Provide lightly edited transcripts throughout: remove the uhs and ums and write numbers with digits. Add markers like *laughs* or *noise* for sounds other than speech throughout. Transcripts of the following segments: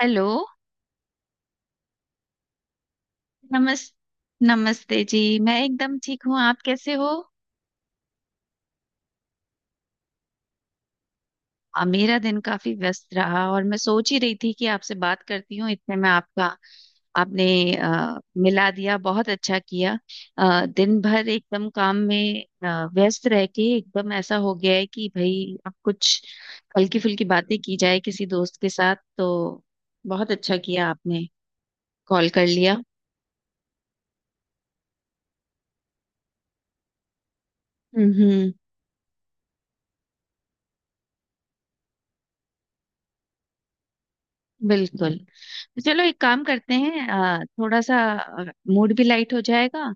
Hello. नमस नमस्ते जी। मैं एकदम ठीक हूँ, आप कैसे हो? मेरा दिन काफी व्यस्त रहा और मैं सोच ही रही थी कि आपसे बात करती हूँ, इतने में आपका आपने मिला दिया, बहुत अच्छा किया। दिन भर एकदम काम में व्यस्त रह के एकदम ऐसा हो गया है कि भाई अब कुछ हल्की फुल्की बातें की जाए किसी दोस्त के साथ, तो बहुत अच्छा किया आपने, कॉल कर लिया। हम्म। हम्म। बिल्कुल। चलो एक काम करते हैं, थोड़ा सा मूड भी लाइट हो जाएगा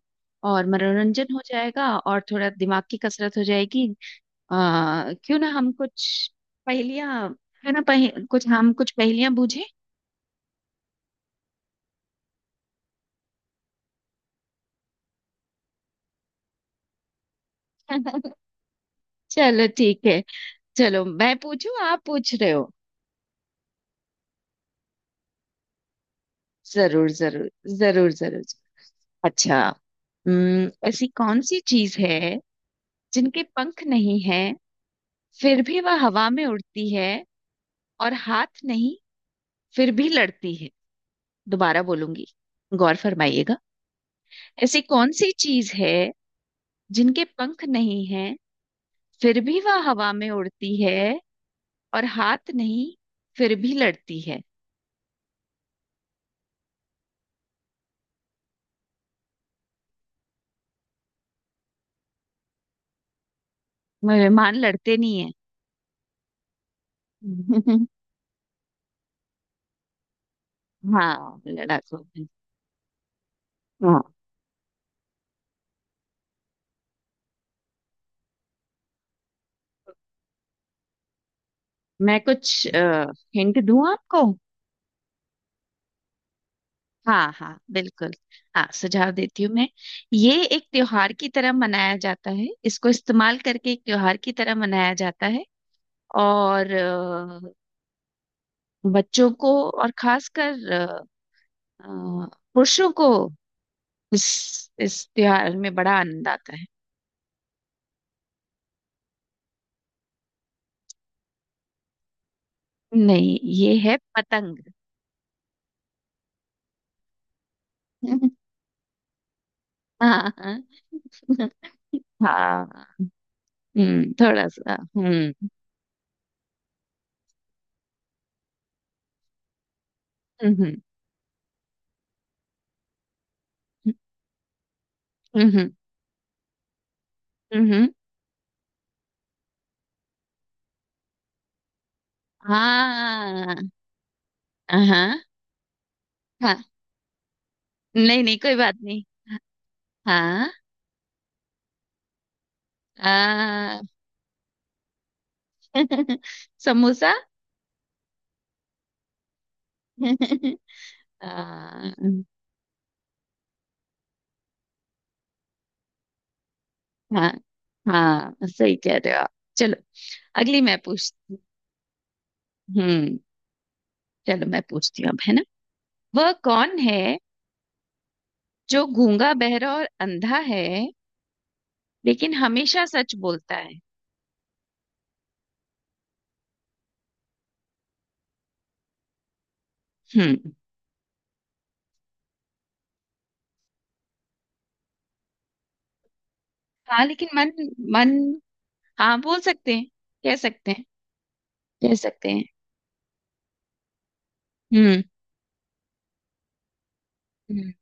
और मनोरंजन हो जाएगा और थोड़ा दिमाग की कसरत हो जाएगी। क्यों ना हम कुछ पहेलियां, क्यों ना कुछ हम कुछ पहेलियां बूझे। *laughs* चलो ठीक है। चलो मैं पूछूं, आप पूछ रहे हो? जरूर जरूर। जरूर जरूर। अच्छा। ऐसी कौन सी चीज है जिनके पंख नहीं है फिर भी वह हवा में उड़ती है, और हाथ नहीं फिर भी लड़ती है। दोबारा बोलूंगी, गौर फरमाइएगा। ऐसी कौन सी चीज है जिनके पंख नहीं हैं फिर भी वह हवा में उड़ती है, और हाथ नहीं फिर भी लड़ती है? मेहमान लड़ते नहीं है। *laughs* हाँ, लड़ाकू है। हाँ। मैं कुछ हिंट दूं आपको? हाँ हाँ बिल्कुल। हाँ सुझाव देती हूँ मैं। ये एक त्योहार की तरह मनाया जाता है, इसको इस्तेमाल करके एक त्योहार की तरह मनाया जाता है। और बच्चों को और खासकर अ, पुरुषों को इस त्योहार में बड़ा आनंद आता है। नहीं, ये है पतंग। *laughs* हाँ हाँ। हाँ। थोड़ा सा। हम्म। हम्म। हम्म। हम्म। हम्म। हाँ। हाँ। हाँ। नहीं नहीं, कोई बात नहीं। हाँ। आ, *laughs* समोसा। हाँ। हाँ। हाँ सही कह रहे हो आप। चलो अगली मैं पूछती। हम्म। चलो मैं पूछती हूँ अब, है ना? वह कौन है जो गूंगा बहरा और अंधा है लेकिन हमेशा सच बोलता है? हम्म। हाँ लेकिन मन। मन। हाँ, बोल सकते हैं। कह सकते हैं। कह सकते हैं। हम्म। हम्म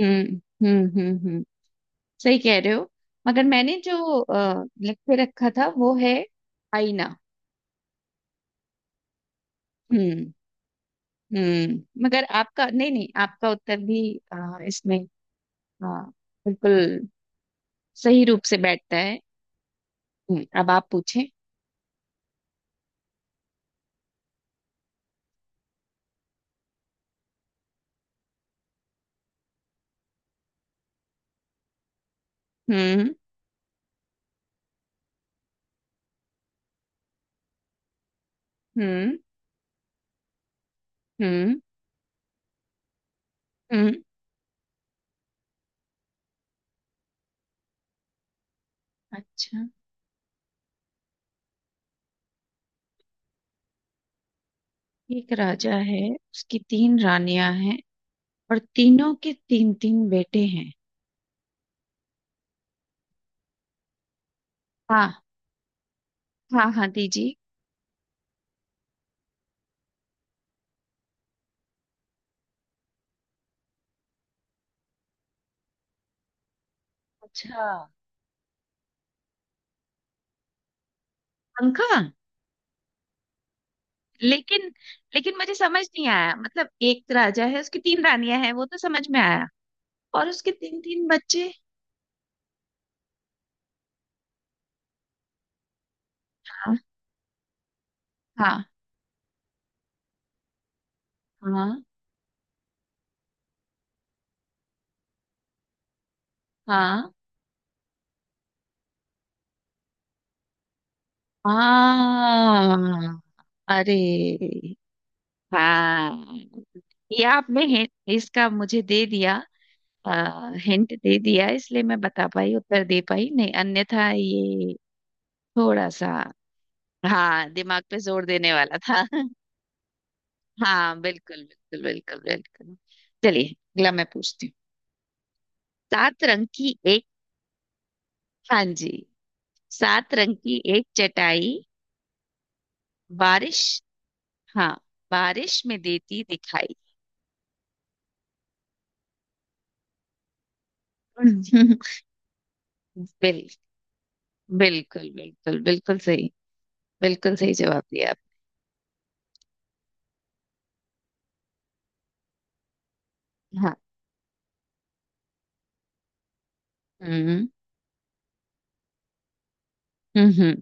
हम्म हम्म। हम्म। सही कह रहे हो। मगर मैंने जो लिख के रखा था वो है आईना। हम्म। हम्म, मगर आपका, नहीं नहीं, आपका उत्तर भी अ, इसमें अ, बिल्कुल सही रूप से बैठता है। अब आप पूछे। हम्म। हम्म। हम्म। हम्म। अच्छा। एक राजा है, उसकी तीन रानियां हैं, और तीनों के तीन तीन बेटे हैं। हाँ हाँ हाँ दीजिए। अच्छा। अच्छा। पंखा। लेकिन लेकिन मुझे समझ नहीं आया, मतलब एक राजा है उसकी तीन रानियां हैं वो तो समझ में आया, और उसके तीन तीन बच्चे? हाँ। हाँ। हाँ। हाँ। हाँ। अरे हाँ। ये आपने इसका मुझे दे दिया, हिंट दे दिया, इसलिए मैं बता पाई, उत्तर दे पाई, नहीं अन्यथा ये थोड़ा सा। हाँ दिमाग पे जोर देने वाला था। *laughs* हाँ बिल्कुल बिल्कुल बिल्कुल बिल्कुल। चलिए अगला मैं पूछती हूँ। सात रंग की एक। हाँ जी। सात रंग की एक चटाई, बारिश, हाँ, बारिश में देती दिखाई। *laughs* बिल बिल्कुल बिल्कुल बिल्कुल सही। बिल्कुल सही जवाब दिया आप। हम्म। हम्म।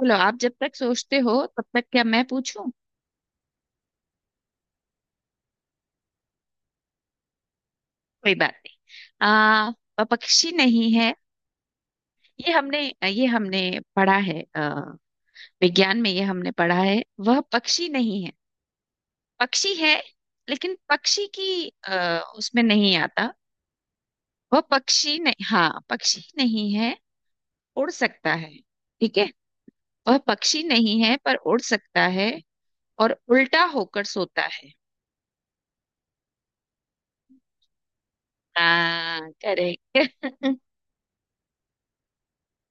चलो आप जब तक सोचते हो तब तक क्या मैं पूछूं? कोई बात नहीं। आ पक्षी नहीं है। ये हमने ये हमने पढ़ा है, विज्ञान में ये हमने पढ़ा है, वह पक्षी नहीं है। पक्षी है लेकिन पक्षी की उसमें नहीं आता। वह पक्षी नहीं, हाँ पक्षी नहीं है। उड़ सकता है, ठीक है? वह पक्षी नहीं है पर उड़ सकता है, और उल्टा होकर सोता है। हाँ करेक्ट। *laughs*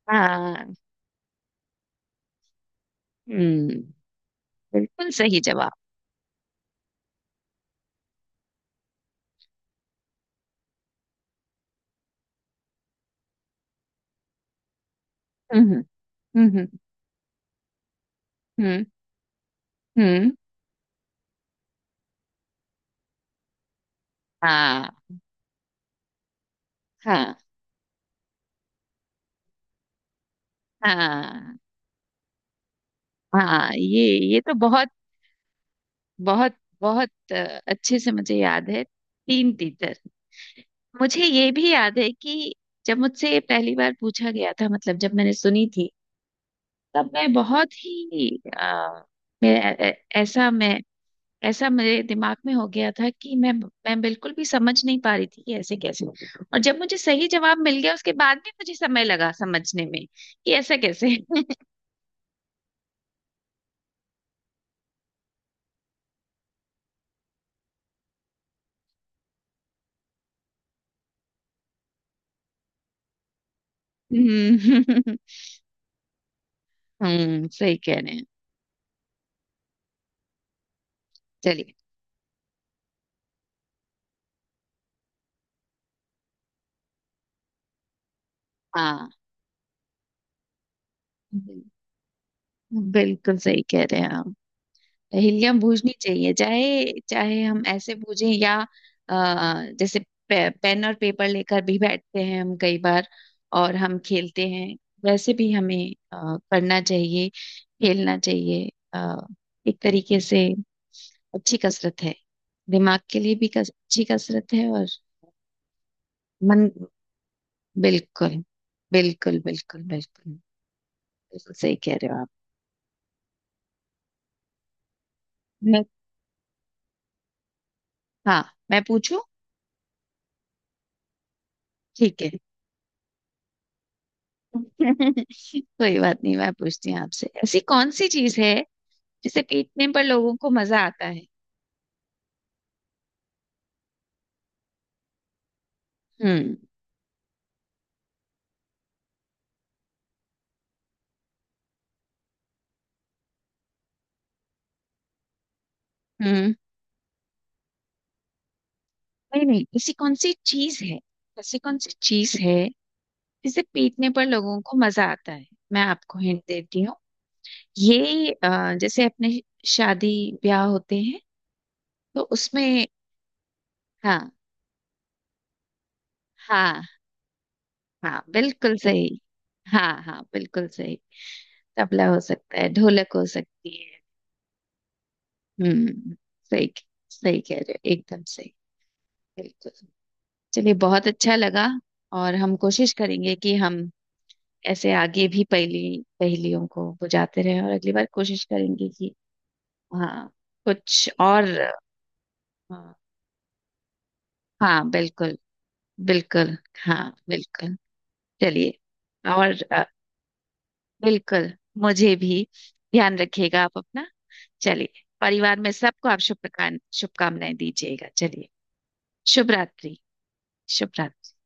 हाँ। हम्म। बिल्कुल सही जवाब। हम्म। हम्म। हम्म। हम्म। हाँ। हाँ। हाँ। हाँ ये तो बहुत, बहुत बहुत अच्छे से मुझे याद है, तीन तीतर। मुझे ये भी याद है कि जब मुझसे ये पहली बार पूछा गया था, मतलब जब मैंने सुनी थी, तब मैं बहुत ही मैं ऐ- ऐ- ऐसा मैं ऐसा मेरे दिमाग में हो गया था कि मैं बिल्कुल भी समझ नहीं पा रही थी कि ऐसे कैसे, और जब मुझे सही जवाब मिल गया उसके बाद भी मुझे समय लगा समझने में कि ऐसा कैसे। *laughs* हम्म। *laughs* सही कह रहे हैं। चलिए हाँ बिल्कुल सही कह रहे हैं आप। हिलियम बूझनी चाहिए, चाहे चाहे हम ऐसे बूझें या अ, जैसे पेन और पेपर लेकर भी बैठते हैं हम कई बार और हम खेलते हैं। वैसे भी हमें अ, करना चाहिए, खेलना चाहिए। अ, एक तरीके से अच्छी कसरत है, दिमाग के लिए भी अच्छी कसरत है, और मन बिल्कुल। बिल्कुल बिल्कुल बिल्कुल। बिल्कुल सही कह रहे हो आप। मैं, हाँ मैं पूछूं? ठीक है। *laughs* कोई बात नहीं, मैं पूछती हूँ आपसे। ऐसी कौन सी चीज है जिसे पीटने पर लोगों को मजा आता है? हम्म। हम्म। नहीं नहीं, ऐसी कौन सी चीज है, ऐसी कौन सी चीज है जिसे पीटने पर लोगों को मजा आता है? मैं आपको हिंट देती हूँ। ये जैसे अपने शादी ब्याह होते हैं, तो उसमें। हाँ। हाँ हाँ बिल्कुल सही। हाँ हाँ बिल्कुल सही। तबला हो सकता है, ढोलक हो सकती है। हम्म। सही। सही कह रहे हो, एकदम सही। बिल्कुल। चलिए बहुत अच्छा लगा। और हम कोशिश करेंगे कि हम ऐसे आगे भी पहेली पहेलियों को बुझाते रहें, और अगली बार कोशिश करेंगे कि हाँ, कुछ और। हाँ। हाँ, बिल्कुल। बिल्कुल। हाँ। बिल्कुल। चलिए। और बिल्कुल, मुझे भी। ध्यान रखिएगा आप अपना। चलिए परिवार में सबको आप शुभकामनाएं दीजिएगा। चलिए शुभ रात्रि। शुभ रात्रि।